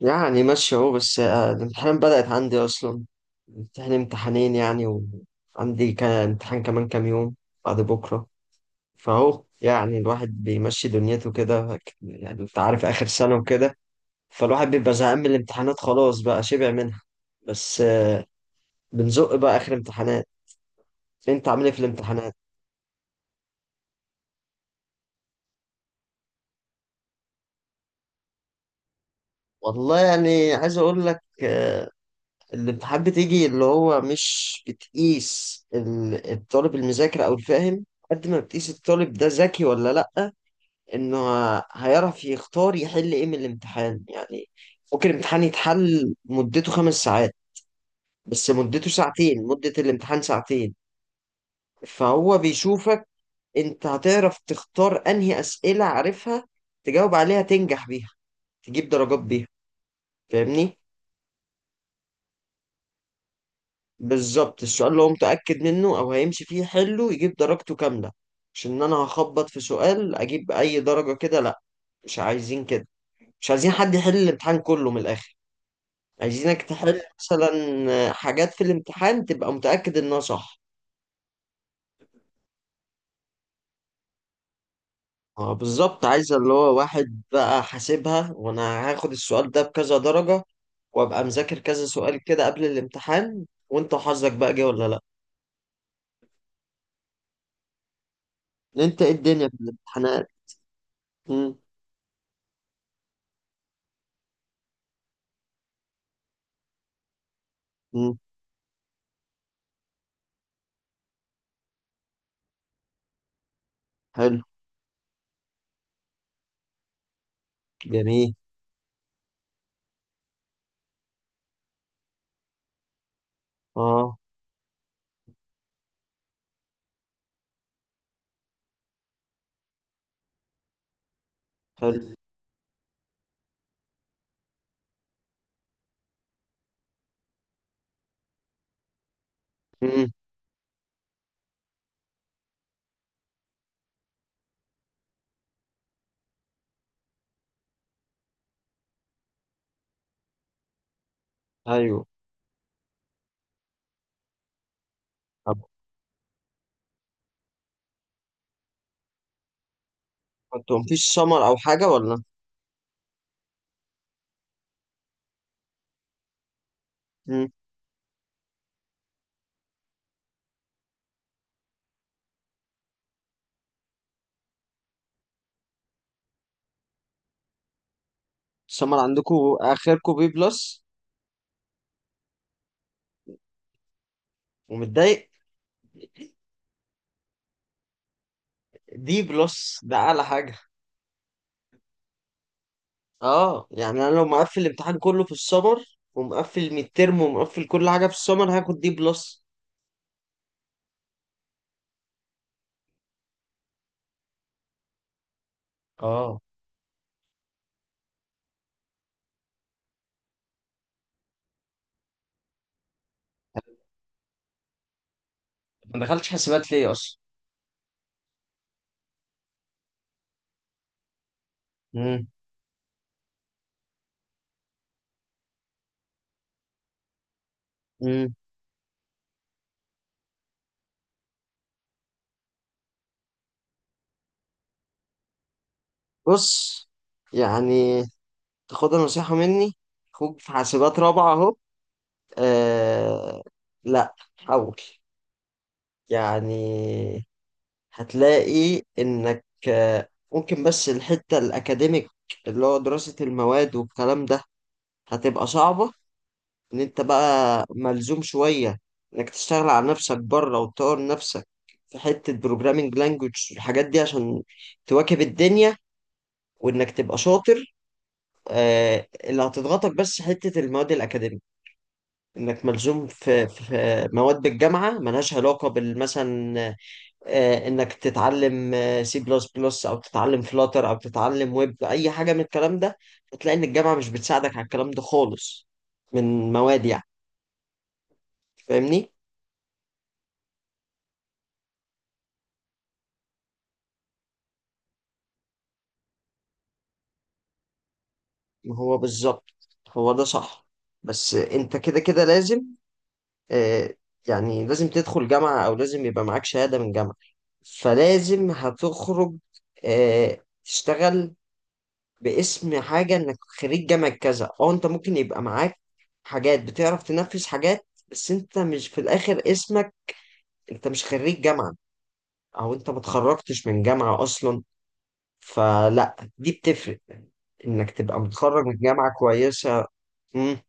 يعني ماشي اهو. بس الامتحان بدأت عندي أصلا، امتحان امتحانين يعني. وعندي كان امتحان كمان كام يوم، بعد بكرة. فأهو يعني الواحد بيمشي دنيته كده، يعني أنت عارف آخر سنة وكده. فالواحد بيبقى زهقان من الامتحانات، خلاص بقى شبع منها. بس بنزق بقى آخر امتحانات. أنت عامل إيه في الامتحانات؟ والله يعني عايز أقول لك، الامتحان بتيجي اللي هو مش بتقيس الطالب المذاكر او الفاهم، قد ما بتقيس الطالب ده ذكي ولا لأ. انه هيعرف يختار يحل ايه من الامتحان يعني. ممكن الامتحان يتحل مدته خمس ساعات، بس مدته ساعتين، مدة الامتحان ساعتين. فهو بيشوفك انت هتعرف تختار انهي اسئلة عارفها، تجاوب عليها، تنجح بيها، تجيب درجات بيها، فاهمني. بالظبط السؤال اللي هو متأكد منه أو هيمشي فيه حله يجيب درجته كاملة. مش إن أنا هخبط في سؤال أجيب أي درجة كده، لأ، مش عايزين كده، مش عايزين حد يحل الامتحان كله من الآخر. عايزينك تحل مثلا حاجات في الامتحان تبقى متأكد إنها صح. اه بالظبط، عايز اللي هو واحد بقى حاسبها، وأنا هاخد السؤال ده بكذا درجة، وأبقى مذاكر كذا سؤال كده قبل الامتحان، وأنت حظك بقى جه ولا لأ. أنت إيه الدنيا في الامتحانات؟ مم، مم، حلو. جميل. اه. حلو. مم. ايوه. طب انتوا مفيش سمر او حاجه ولا؟ مم. السمر عندكم اخركم بي بلس؟ ومتضايق؟ دي بلس ده اعلى حاجه. اه يعني انا لو مقفل الامتحان كله في السمر ومقفل الميد ترم ومقفل كل حاجه في السمر هاخد دي بلس. اه ما دخلتش حسابات ليه اصلا؟ مم. مم. بص، يعني تاخدها نصيحه مني، اخوك في حاسبات رابعه اهو. آه. لا حاول. يعني هتلاقي انك ممكن بس الحتة الاكاديميك، اللي هو دراسة المواد والكلام ده، هتبقى صعبة. ان انت بقى ملزوم شوية انك تشتغل على نفسك بره وتطور نفسك في حتة بروجرامينج لانجوج الحاجات دي عشان تواكب الدنيا، وانك تبقى شاطر. اللي هتضغطك بس حتة المواد الأكاديمية. انك ملزوم في مواد بالجامعة ملهاش علاقة بالمثلا انك تتعلم سي بلس بلس او تتعلم فلاتر او تتعلم ويب، اي حاجه من الكلام ده هتلاقي ان الجامعه مش بتساعدك على الكلام ده خالص، من مواد يعني. فاهمني. ما هو بالظبط، هو ده صح، بس انت كده كده لازم آه، يعني لازم تدخل جامعه او لازم يبقى معاك شهاده من جامعه. فلازم هتخرج تشتغل باسم حاجة انك خريج جامعة كذا. اه انت ممكن يبقى معاك حاجات بتعرف تنفذ حاجات، بس انت مش في الاخر اسمك، انت مش خريج جامعة، او انت ما اتخرجتش من جامعة اصلا. فلا دي بتفرق، انك تبقى متخرج من جامعة كويسة. مم.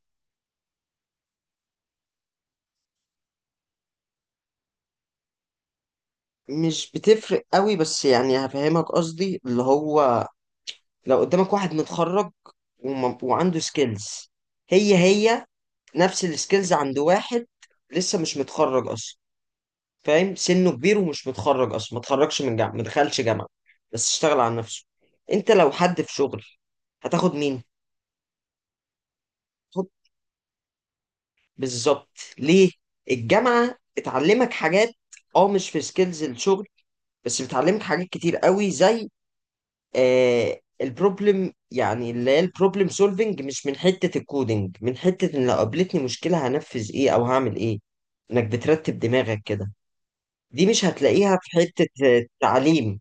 مش بتفرق قوي بس يعني هفهمك قصدي، اللي هو لو قدامك واحد متخرج وعنده سكيلز هي هي، نفس السكيلز عند واحد لسه مش متخرج اصلا. فاهم، سنه كبير ومش متخرج اصلا، ما اتخرجش من جامعه، ما دخلش جامعه، بس اشتغل على نفسه. انت لو حد في شغل هتاخد مين؟ خد. بالظبط. ليه؟ الجامعه بتعلمك حاجات، اه مش في سكيلز الشغل، بس بتعلمك حاجات كتير قوي زي البروبلم، يعني اللي هي البروبلم سولفنج، مش من حته الكودينج، من حته ان لو قابلتني مشكله هنفذ ايه او هعمل ايه، انك بترتب دماغك كده. دي مش هتلاقيها في حته التعليم.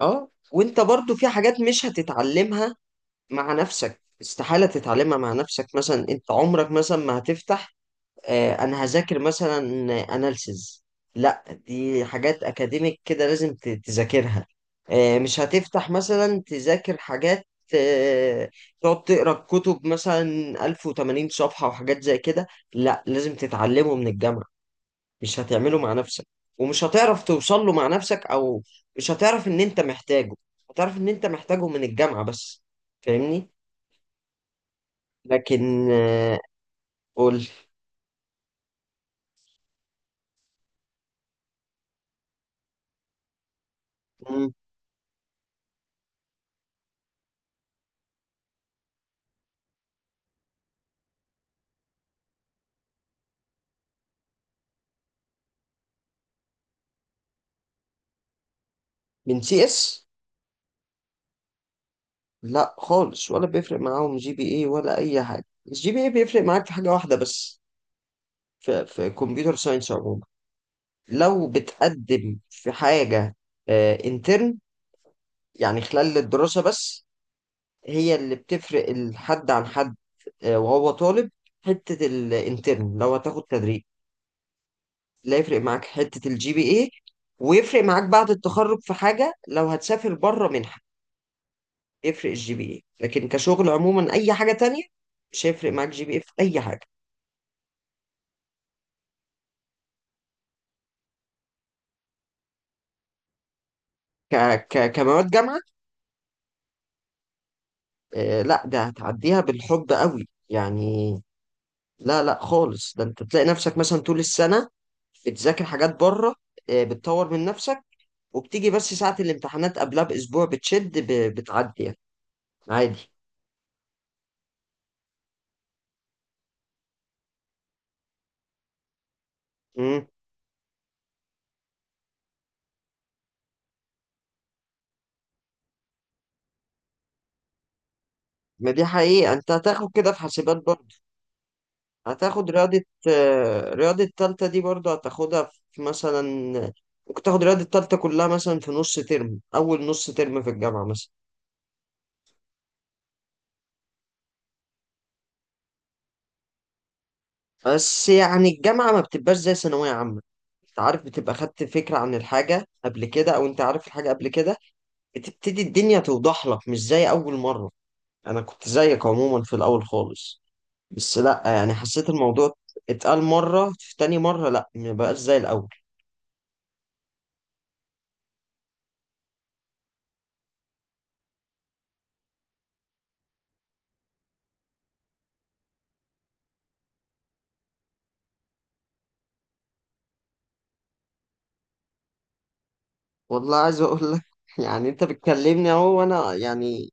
اه وانت برضو في حاجات مش هتتعلمها مع نفسك، استحالة تتعلمها مع نفسك. مثلا انت عمرك مثلا ما هتفتح انا هذاكر مثلا اناليسز، لا دي حاجات اكاديميك كده لازم تذاكرها. مش هتفتح مثلا تذاكر حاجات، آه تقعد تقرا كتب مثلا 1080 صفحة وحاجات زي كده. لا لازم تتعلمه من الجامعة، مش هتعمله مع نفسك، ومش هتعرف توصل له مع نفسك، او مش هتعرف ان انت محتاجه، هتعرف ان انت محتاجه من الجامعة بس. فاهمني. لكن قول. مم، من سي اس؟ لا خالص ولا بيفرق معاهم جي بي اي ولا اي حاجة. الجي بي اي بيفرق معاك في حاجة واحدة بس، في كمبيوتر ساينس عموما، لو بتقدم في حاجة انترن يعني خلال الدراسة بس، هي اللي بتفرق الحد عن حد وهو طالب. حتة الانترن لو هتاخد تدريب، لا يفرق معاك حتة الجي بي اي. ويفرق معاك بعد التخرج في حاجة، لو هتسافر بره منحة يفرق الجي بي اي، لكن كشغل عموما أي حاجة تانية مش هيفرق معاك جي بي اي في أي حاجة. ك ك كمواد جامعة، آه لا ده هتعديها بالحب قوي يعني. لا لا خالص، ده انت تلاقي نفسك مثلا طول السنة بتذاكر حاجات بره، بتطور من نفسك، وبتيجي بس ساعة الامتحانات قبلها بأسبوع بتشد بتعدي يعني عادي. مم. ما دي حقيقة. أنت هتاخد كده في حاسبات برضه، هتاخد رياضة. رياضة تالتة دي برضه هتاخدها في مثلا، ممكن تاخد رياضة تالتة كلها مثلا في نص ترم، أول نص ترم في الجامعة مثلا. بس يعني الجامعة ما بتبقاش زي ثانوية عامة. أنت عارف بتبقى خدت فكرة عن الحاجة قبل كده، أو أنت عارف الحاجة قبل كده، بتبتدي الدنيا توضح لك مش زي أول مرة. أنا كنت زيك عموما في الأول خالص، بس لا يعني حسيت الموضوع اتقال مرة، في تاني مرة لا مبقاش زي الأول. والله عايز أقول لك يعني أنت بتكلمني أهو وأنا يعني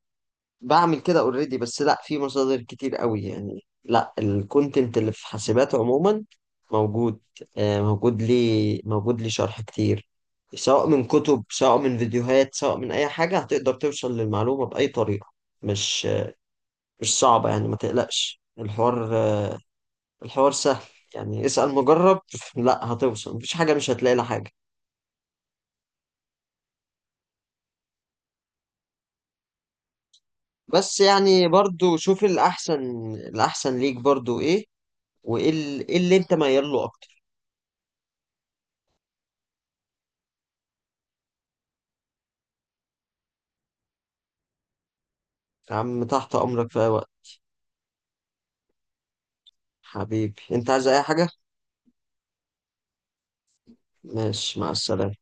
بعمل كده أوريدي، بس لا في مصادر كتير قوي يعني. لا الكونتنت اللي في حاسبات عموما موجود، موجود لي شرح كتير، سواء من كتب سواء من فيديوهات سواء من أي حاجة، هتقدر توصل للمعلومة بأي طريقة. مش مش صعبة يعني، ما تقلقش، الحوار الحوار سهل يعني، اسأل مجرب. لا هتوصل، مفيش حاجة مش هتلاقي لها حاجة. بس يعني برضو شوف الأحسن، الأحسن ليك برضو إيه، وإيه إيه اللي أنت ميال له أكتر. يا عم تحت أمرك في أي وقت. حبيبي أنت عايز أي حاجة؟ ماشي مع السلامة.